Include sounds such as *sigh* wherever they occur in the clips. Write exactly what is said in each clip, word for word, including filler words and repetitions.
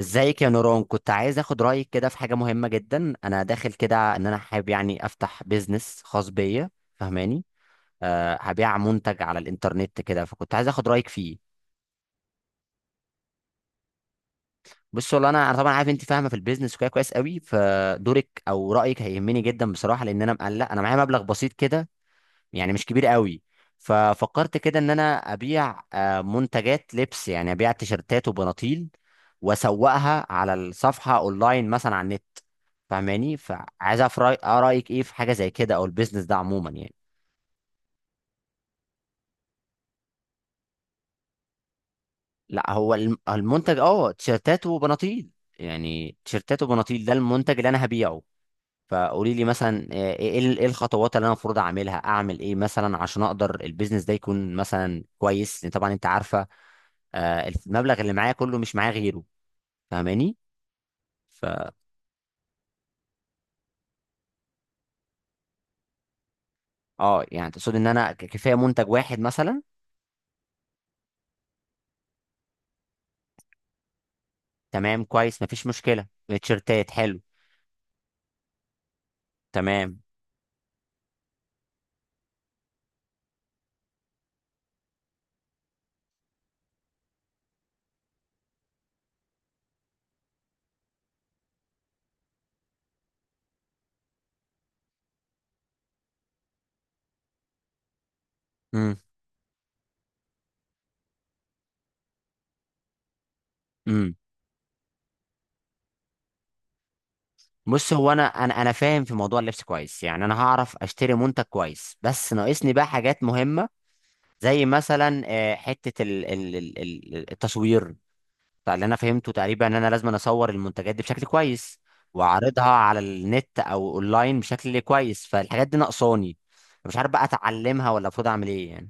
ازيك يا نوران؟ كنت عايز اخد رايك كده في حاجه مهمه جدا. انا داخل كده ان انا حابب يعني افتح بيزنس خاص بيا. فاهماني؟ أه، هبيع منتج على الانترنت كده، فكنت عايز اخد رايك فيه. بص والله انا انا طبعا عارف انت فاهمه في البيزنس وكده كويس قوي، فدورك او رايك هيهمني جدا بصراحه، لان انا مقلق، انا معايا مبلغ بسيط كده. يعني مش كبير قوي. ففكرت كده ان انا ابيع آه، منتجات لبس، يعني ابيع تيشرتات وبناطيل واسوقها على الصفحه اونلاين مثلا على النت. فاهماني؟ فعايز اعرف رأي- آه، رايك ايه في حاجه زي كده او البيزنس ده عموما يعني. لا، هو الم- المنتج اه، تيشرتات وبناطيل، يعني تيشرتات وبناطيل ده المنتج اللي انا هبيعه. فقولي لي مثلا، آه، ايه ال- إيه الخطوات اللي انا المفروض اعملها؟ اعمل ايه مثلا عشان اقدر البيزنس ده يكون مثلا كويس؟ لأن طبعا انت عارفه، آه، المبلغ اللي معايا كله، مش معايا غيره. فاهماني؟ ف اه، يعني تقصد ان انا ك- كفايه منتج واحد مثلا؟ تمام، كويس، مفيش مشكله. تيشرتات حلو. تمام. امم امم بص، هو انا انا انا فاهم في موضوع اللبس كويس، يعني انا هعرف اشتري منتج كويس، بس ناقصني بقى حاجات مهمه، زي مثلا آه، حته ال- ال- ال- ال- التصوير. فاللي انا فهمته تقريبا ان انا لازم أنا اصور المنتجات دي بشكل كويس واعرضها على النت او اونلاين بشكل كويس، فالحاجات دي ناقصاني. مش عارف بقى اتعلمها ولا المفروض اعمل ايه.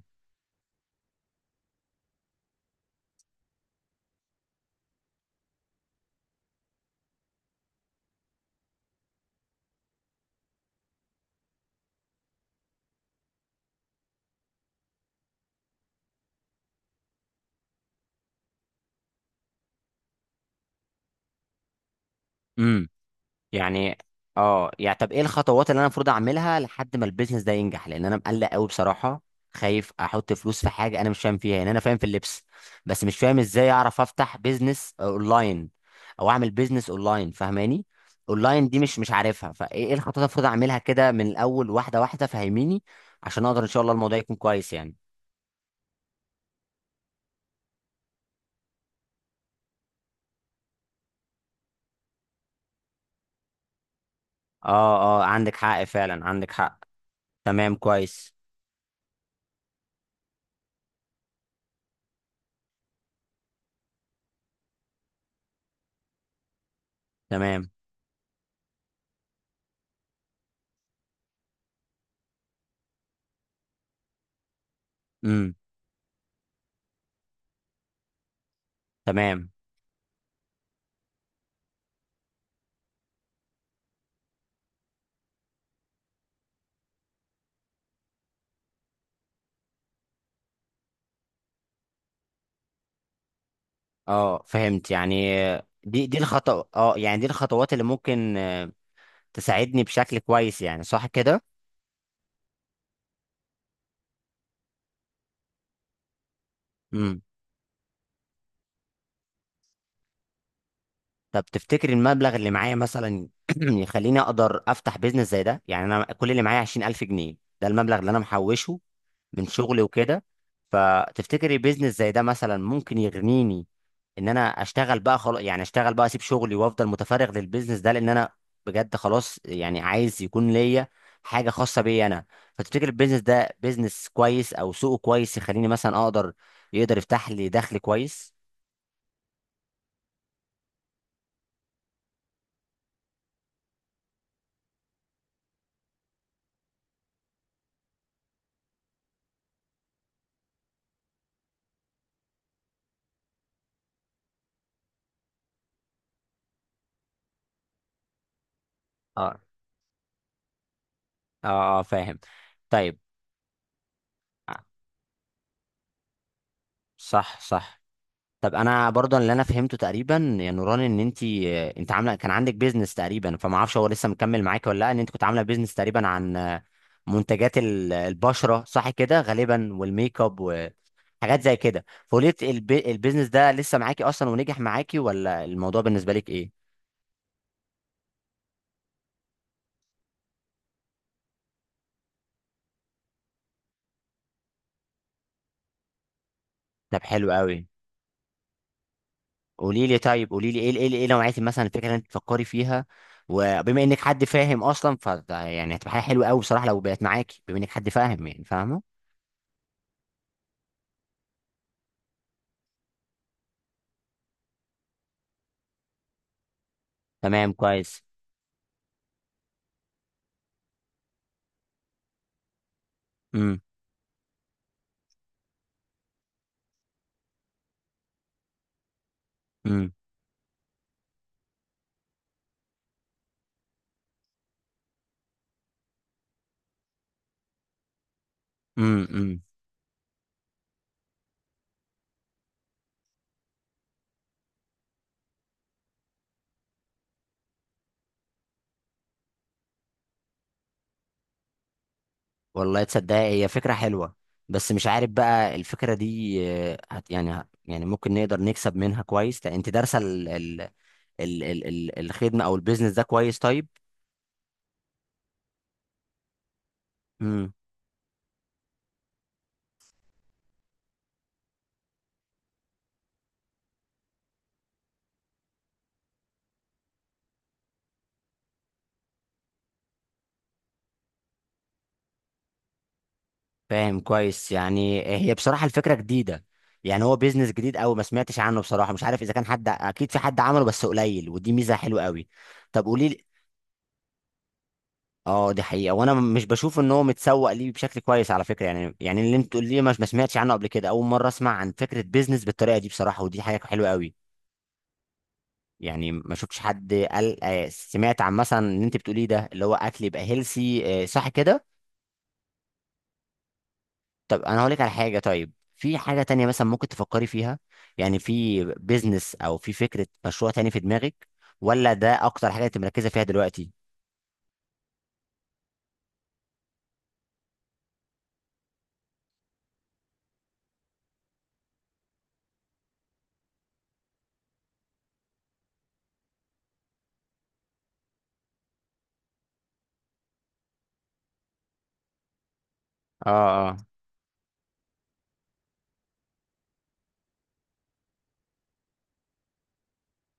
يعني يعني اه، يعني طب ايه الخطوات اللي انا المفروض اعملها لحد ما البيزنس ده ينجح؟ لان انا مقلق قوي بصراحه، خايف احط فلوس في حاجه انا مش فاهم فيها. يعني انا فاهم في اللبس، بس مش فاهم ازاي اعرف افتح بيزنس اونلاين او اعمل بيزنس اونلاين. فاهماني؟ اونلاين دي مش مش عارفها، فايه إيه الخطوات اللي المفروض اعملها كده من الاول واحده واحده؟ فهميني عشان اقدر ان شاء الله الموضوع يكون كويس يعني. اه اه، عندك حق، فعلا عندك حق. تمام، كويس. تمام. امم تمام. اه، فهمت يعني. آه، دي دي الخطوة. اه، يعني دي الخطوات اللي ممكن آه، تساعدني بشكل كويس، يعني صح كده؟ امم طب تفتكر المبلغ اللي معايا مثلا *clears throat* يخليني اقدر افتح بيزنس زي ده؟ يعني انا كل اللي معايا عشرين ألف جنيه، ده المبلغ اللي انا محوشه من شغلي وكده. فتفتكري بيزنس زي ده مثلا ممكن يغنيني ان انا اشتغل بقى خلاص، يعني اشتغل بقى، اسيب شغلي وافضل متفرغ للبيزنس ده؟ لان انا بجد خلاص، يعني عايز يكون ليا حاجه خاصه بيا انا. فتفتكر البيزنس ده بيزنس كويس او سوقه كويس، يخليني مثلا اقدر، يقدر يفتح لي دخل كويس؟ اه، اه، آه، فاهم. طيب. آه، صح، صح. طب انا برضه اللي انا فهمته تقريبا يا نوران، ان انت انت عامله كان عندك بيزنس تقريبا، فما اعرفش هو لسه مكمل معاك ولا لا. ان انت كنت عامله بيزنس تقريبا عن منتجات ال- البشره صح كده غالبا، والميك اب وحاجات زي كده، فقلت البي... البيزنس ده لسه معاكي اصلا ونجح معاكي، ولا الموضوع بالنسبه لك ايه؟ طب حلو قوي. قولي لي طيب، قولي لي ايه ايه ايه نوعيه مثلا الفكره اللي انت بتفكري فيها؟ وبما انك حد فاهم اصلا، ف يعني هتبقى حاجه حلوه قوي بصراحه لو بقت معاكي، بما انك حد فاهم يعني، فاهمه. تمام كويس. امم امم امم امم والله تصدق، هي فكرة حلوة. بس مش عارف بقى الفكرة دي آه، هت يعني هت يعني ممكن نقدر نكسب منها كويس لأ؟ انت دارسة ال ال ال ال ال الخدمة او البيزنس ده كويس طيب؟ امم فاهم كويس. يعني هي بصراحة الفكرة جديدة، يعني هو بيزنس جديد قوي، ما سمعتش عنه بصراحة. مش عارف اذا كان حد، اكيد في حد عمله بس قليل، ودي ميزة حلوة قوي. طب قولي. اه، دي حقيقة. وانا م- مش بشوف ان هو متسوق ليه بشكل كويس على فكرة. يعني يعني اللي انت تقول لي مش ما سمعتش عنه قبل كده، اول مرة اسمع عن فكرة بيزنس بالطريقة دي بصراحة، ودي حاجة حلوة قوي. يعني ما شفتش حد قال آه، سمعت عن مثلا اللي انت بتقوليه ده، اللي هو اكل يبقى هيلسي صح كده. طب انا هقول لك على حاجة، طيب في حاجة تانية مثلا ممكن تفكري فيها؟ يعني في بيزنس او في فكرة مشروع تاني في دماغك؟ ولا ده اكتر حاجة انت مركزة فيها دلوقتي؟ اه، اه،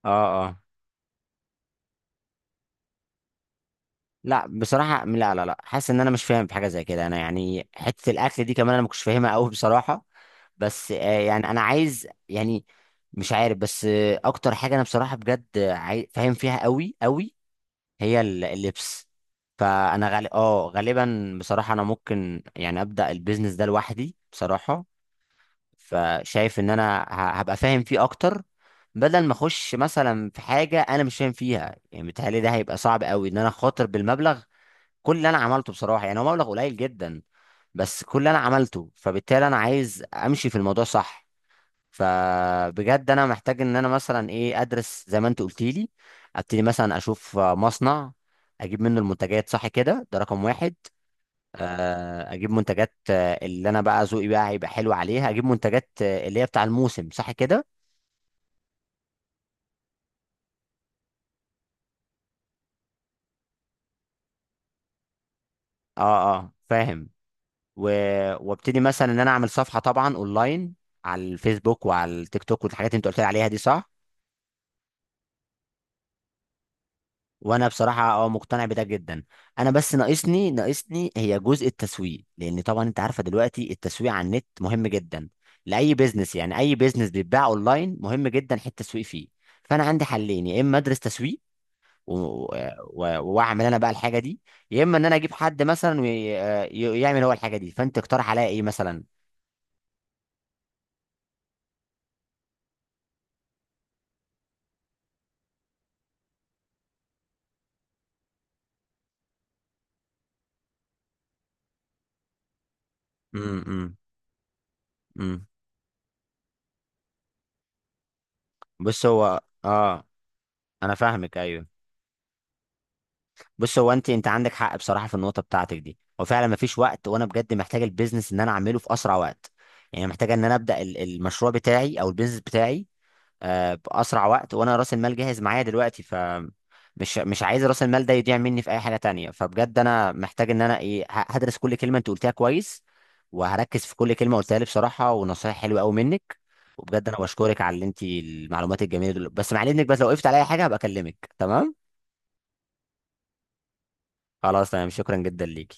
اه، اه. لا بصراحة، لا، لا، لا، حاسس ان انا مش فاهم في حاجة زي كده انا، يعني حتة الاكل دي كمان انا ما كنتش فاهمها قوي بصراحة. بس آه، يعني انا عايز يعني، مش عارف. بس آه، اكتر حاجة انا بصراحة بجد آه، عاي- فاهم فيها قوي قوي، هي ال- اللبس. فانا غالي اه غالبا بصراحة انا ممكن يعني ابدأ البيزنس ده لوحدي بصراحة. فشايف ان انا ه- هبقى فاهم فيه اكتر، بدل ما اخش مثلا في حاجة انا مش فاهم فيها. يعني بيتهيألي ده هيبقى صعب قوي ان انا خاطر بالمبلغ. كل اللي انا عملته بصراحه يعني، هو مبلغ قليل جدا بس كل اللي انا عملته، فبالتالي انا عايز امشي في الموضوع صح. فبجد انا محتاج ان انا مثلا ايه، ادرس زي ما انت قلت لي، ابتدي مثلا اشوف آه، مصنع، اجيب منه المنتجات صح كده، ده رقم واحد. آه، اجيب منتجات آه، اللي انا بقى ذوقي بقى هيبقى حلو عليها، اجيب منتجات آه، اللي هي بتاع الموسم صح كده. اه اه، فاهم. و... وابتدي مثلا ان انا اعمل صفحه طبعا اونلاين على الفيسبوك وعلى التيك توك والحاجات اللي انت قلت لي عليها دي صح. وانا بصراحه اه، مقتنع بده جدا. انا بس ناقصني ناقصني هي جزء التسويق، لان طبعا انت عارفه دلوقتي التسويق على النت مهم جدا لاي بيزنس، يعني اي بيزنس بيتباع اونلاين مهم جدا حته التسويق فيه. فانا عندي حلين، يا اما ادرس تسويق و- و- واعمل انا بقى الحاجه دي، يا اما ان انا اجيب حد مثلا ويعمل هو الحاجه دي. فانت اقترح عليا ايه مثلا؟ امم امم بص، هو اه، انا فاهمك. ايوه، بص، هو انت انت عندك حق بصراحه في النقطه بتاعتك دي. هو فعلا مفيش وقت، وانا بجد محتاج البيزنس ان انا اعمله في اسرع وقت. يعني محتاج ان انا ابدا ال- المشروع بتاعي او البيزنس بتاعي آه، باسرع وقت، وانا راس المال جاهز معايا دلوقتي. ف مش مش عايز راس المال ده يضيع مني في اي حاجه تانية. فبجد انا محتاج ان انا ايه، ه- هدرس كل كلمه انت قلتها كويس، وهركز في كل كلمه قلتها لي بصراحه. ونصايح حلوه قوي منك، وبجد انا بشكرك على اللي انت المعلومات الجميله دول. بس مع اذنك، بس لو وقفت على اي حاجه هبقى اكلمك، تمام؟ خلاص، تمام، شكرا جدا ليك.